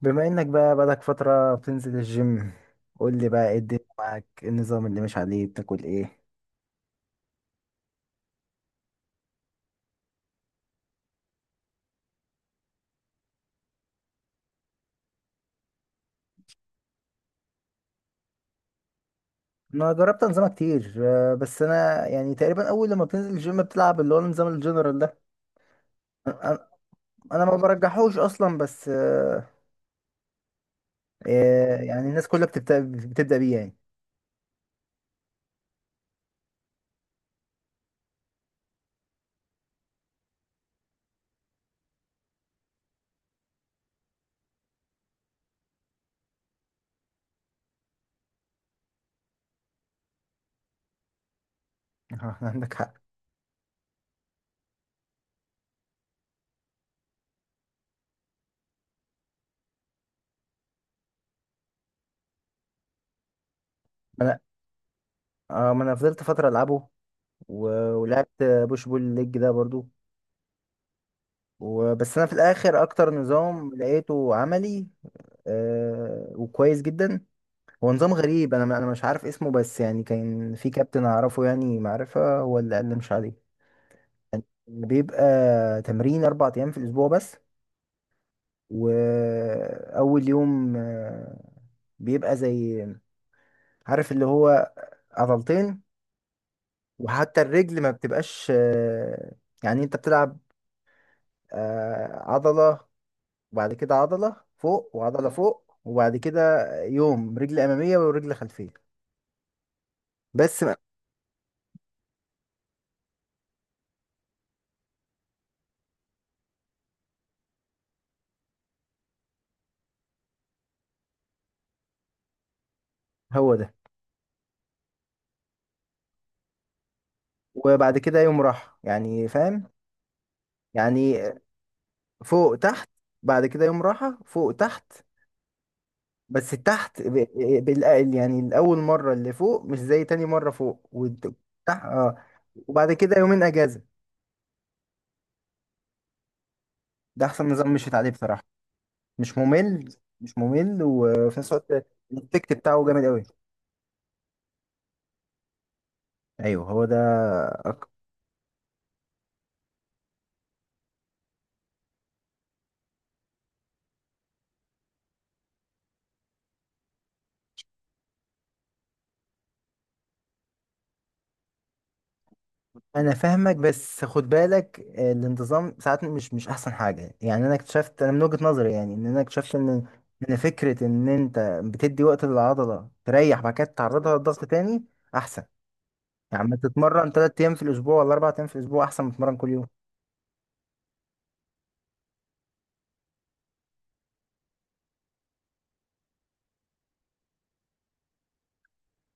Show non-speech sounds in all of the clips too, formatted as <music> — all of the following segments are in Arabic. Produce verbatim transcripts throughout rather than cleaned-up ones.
بما انك بقى بقالك فترة بتنزل الجيم، قول لي بقى ايه الدنيا معاك؟ إيه النظام اللي ماشي عليه؟ بتاكل ايه؟ انا جربت انظمة كتير، آه، بس انا يعني تقريبا اول لما بتنزل الجيم بتلعب اللي هو النظام الجنرال ده. انا أنا ما برجحوش اصلا، بس آه، آه، يعني الناس كلها بتبدأ بتبدأ بيه يعني. <laughs> عندك حق. ما انا آه، ما انا فضلت فترة العبه و- ولعبت بوش بول ليج ده برضو. وبس انا في الاخر اكتر نظام لقيته عملي آه، وكويس جدا. هو نظام غريب، انا انا مش عارف اسمه، بس يعني كان في كابتن اعرفه يعني معرفة، هو اللي قال لي مش عليه. بيبقى تمرين اربع ايام في الاسبوع بس. واول يوم آه، بيبقى زي، عارف اللي هو عضلتين. وحتى الرجل ما بتبقاش، آه، يعني انت بتلعب آه، عضلة، وبعد كده عضلة فوق وعضلة فوق، وبعد كده يوم رجل امامية ورجل خلفية. بس ما- هو ده. وبعد كده يوم راحة يعني، فاهم؟ يعني فوق تحت، بعد كده يوم راحة، فوق تحت. بس التحت ب- بالأقل يعني، الأول مرة اللي فوق مش زي تاني مرة فوق والتحت. اه، وبعد كده يومين أجازة. ده أحسن نظام مشيت عليه بصراحة. مش ممل، مش ممل، وفي نفس الوقت الإفكت بتاعه جامد أوي. أيوه، هو ده. انا فاهمك، بس خد بالك، آه، الانتظام ساعات مش مش احسن حاجه. يعني انا اكتشفت، انا من وجهه نظري يعني، ان انا اكتشفت ان ان فكره ان انت بتدي وقت للعضله تريح بعد كده تعرضها لضغط تاني احسن. يعني ما تتمرن ثلاث ايام في الاسبوع ولا اربع ايام في الاسبوع احسن ما تتمرن كل يوم.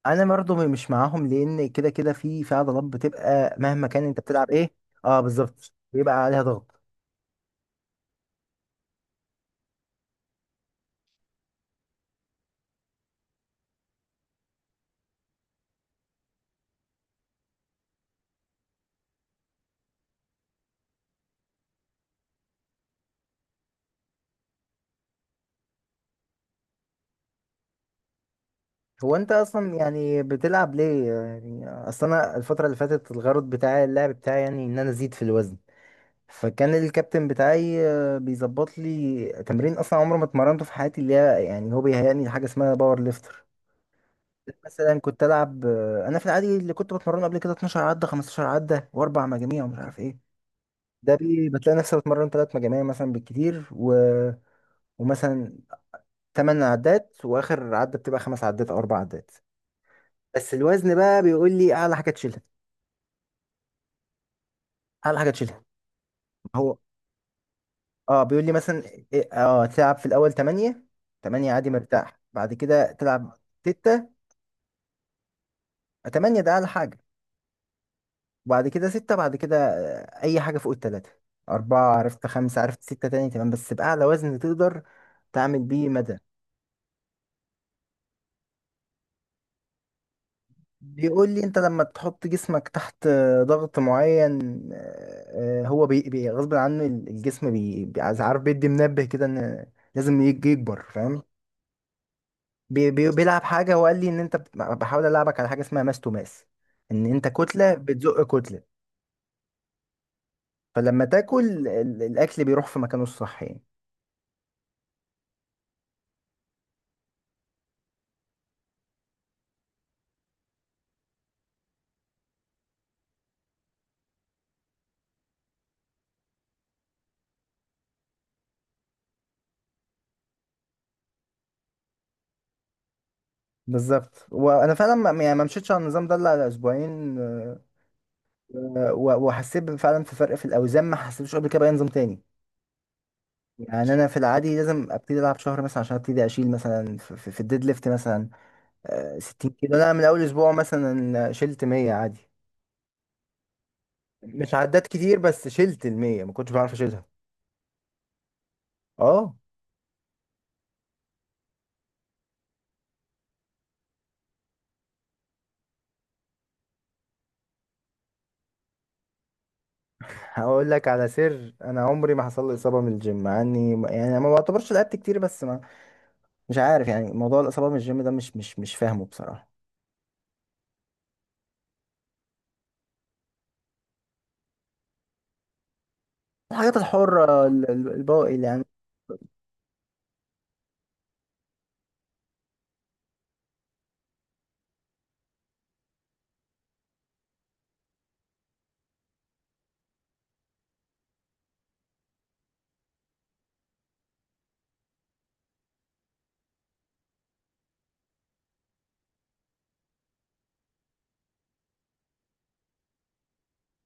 انا برضه مش معاهم، لان كده كده في في عضلات بتبقى مهما كان انت بتلعب ايه. اه بالظبط، بيبقى عليها ضغط. هو انت اصلا يعني بتلعب ليه؟ يعني اصل انا الفتره اللي فاتت الغرض بتاعي، اللعب بتاعي يعني ان انا ازيد في الوزن. فكان الكابتن بتاعي آه، بيظبط لي تمرين اصلا عمري ما اتمرنته في حياتي، اللي هي يعني هو بيهيئني لحاجه اسمها باور ليفتر. مثلا كنت العب، آه، انا في العادي اللي كنت بتمرنه قبل كده اتناشر عده خمسة عشر عده واربع مجاميع ومش عارف ايه. ده بي بتلاقي نفسي بتمرن ثلاث مجاميع مثلا بالكتير، و... ومثلا ثمان عدات واخر عده بتبقى خمس عدات او اربع عدات. بس الوزن بقى بيقول لي اعلى حاجه تشيلها. اعلى حاجه تشيلها. هو اه، بيقول لي مثلا إيه- اه تلعب في الاول ثمانية. ثمانية عادي مرتاح، بعد كده تلعب سته. تمانيه ده اعلى حاجه، وبعد كده ستة، بعد كده آه، اي حاجه فوق الثلاثه، أربعة عرفت خمسة عرفت ستة تاني تمام، بس باعلى وزن تقدر تعمل بيه مدى. بيقول لي انت لما تحط جسمك تحت آه، ضغط معين. آه، آه، هو بي بي- غصب عنه الجسم، بي بي- عايز- عارف، بيدي منبه كده ان لازم يج- يكبر، فاهم؟ بي بي بيلعب حاجة. هو قال لي ان انت بت- بحاول العبك على حاجة اسمها ماس تو ماس. ان انت كتلة بتزق كتلة. فلما تاكل ال- الاكل بيروح في مكانه الصح يعني. بالظبط. وانا فعلا ما يعني ما مشيتش على النظام ده الا على اسبوعين، آه، و- وحسيت فعلا في فرق في الاوزان ما حسيتوش قبل كده باي نظام تاني. يعني انا في العادي لازم ابتدي العب شهر مثلا عشان ابتدي اشيل مثلا في, في في الديد ليفت مثلا آه، ستين كيلو. انا من اول اسبوع مثلا شلت مية عادي. مش عدات كتير، بس شلت ال مية ما كنتش بعرف اشيلها. اه هقول لك على سر، انا عمري ما حصل لي اصابه من الجيم، مع اني يعني ما بعتبرش لعبت كتير، بس ما. مش عارف، يعني موضوع الاصابه من الجيم ده مش مش مش فاهمه بصراحه. الحاجات الحره، ال- ال- الباقي اللي يعني.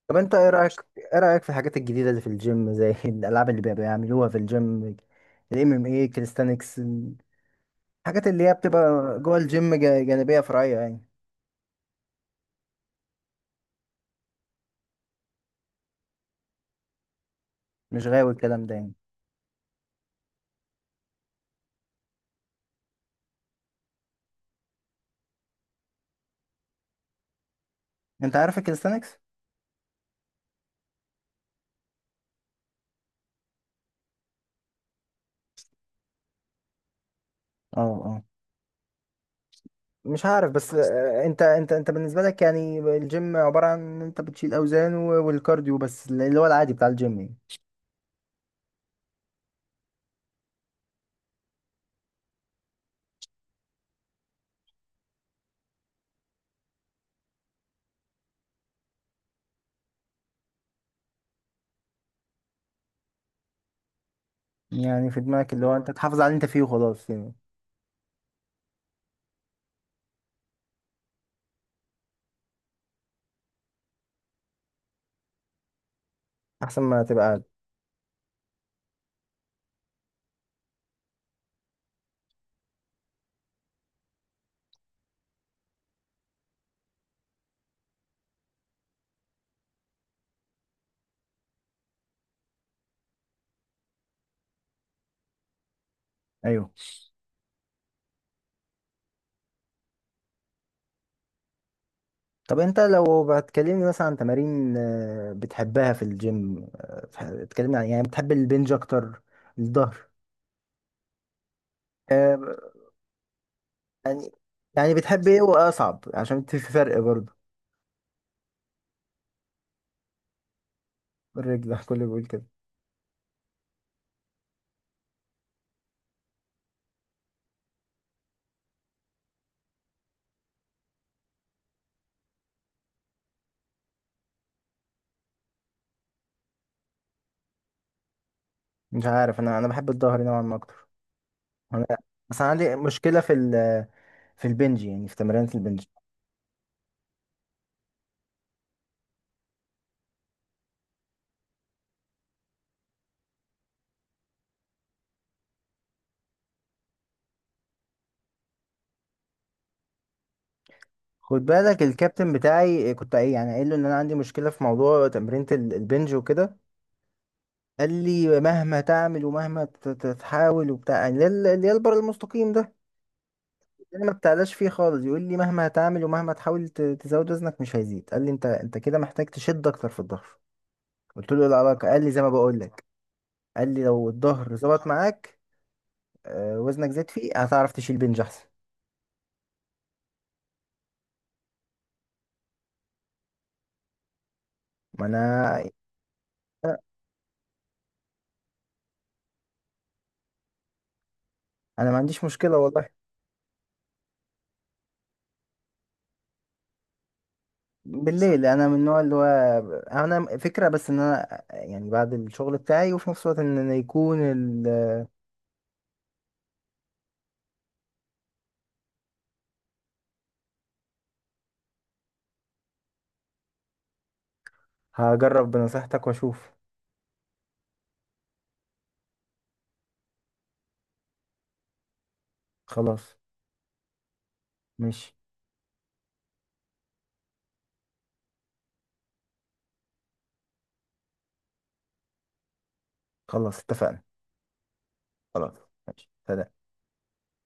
طب انت ايه رايك؟ ايه رايك في الحاجات الجديده اللي في الجيم زي <laughs> الالعاب اللي بي- بيعملوها في الجيم. الام ام اي، كاليستانكس. الحاجات اللي هي بتبقى جوه الجيم جا- جانبيه فرعيه يعني. مش غاوي الكلام ده يعني. انت عارف الكاليستانكس؟ اه مش عارف، بس آه، انت انت انت بالنسبه لك يعني الجيم عباره عن ان انت بتشيل اوزان و- والكارديو بس اللي هو العادي بتاع الجيم يعني. يعني في دماغك اللي هو انت اه تحافظ على اللي انت فيه وخلاص يعني. احسن ما تبقى قاعد. ايوه. طب انت لو بتكلمني مثلا عن تمارين آه، بتحبها في الجيم، آه، بتكلمني عن يعني بتحب البنج اكتر؟ الظهر؟ آه، يعني يعني بتحب ايه واصعب؟ عشان في فرق برضه. الرجل. <laughs> كله بيقول كده. مش عارف، انا انا بحب الظهر نوعا ما اكتر. انا بس أنا عندي مشكله في ال في البنج يعني، في تمرينة البنج. خد بالك، الكابتن بتاعي كنت ايه يعني قايل له ان انا عندي مشكله في موضوع تمرينة ال- البنج وكده. قال لي مهما تعمل ومهما ت- ت- تحاول وبتاع يعني اللي هي ال- اللي هي البر المستقيم ده، اللي انا ما بتعلاش فيه خالص. يقول لي مهما تعمل ومهما تحاول ت- تزود وزنك مش هيزيد. قال لي انت انت كده محتاج تشد اكتر في الظهر. قلت له إيه العلاقه؟ قال لي زي ما بقول لك. قال لي لو الظهر ظبط معاك آه، وزنك زاد فيه هتعرف تشيل بنج احسن. ما انا انا ما عنديش مشكله والله. بالليل، انا من النوع اللي هو انا فكره، بس ان انا يعني بعد الشغل بتاعي، وفي نفس الوقت ان أنا يكون ال... هجرب بنصيحتك واشوف. خلاص، ماشي. خلاص، اتفقنا. خلاص، ماشي، سلام.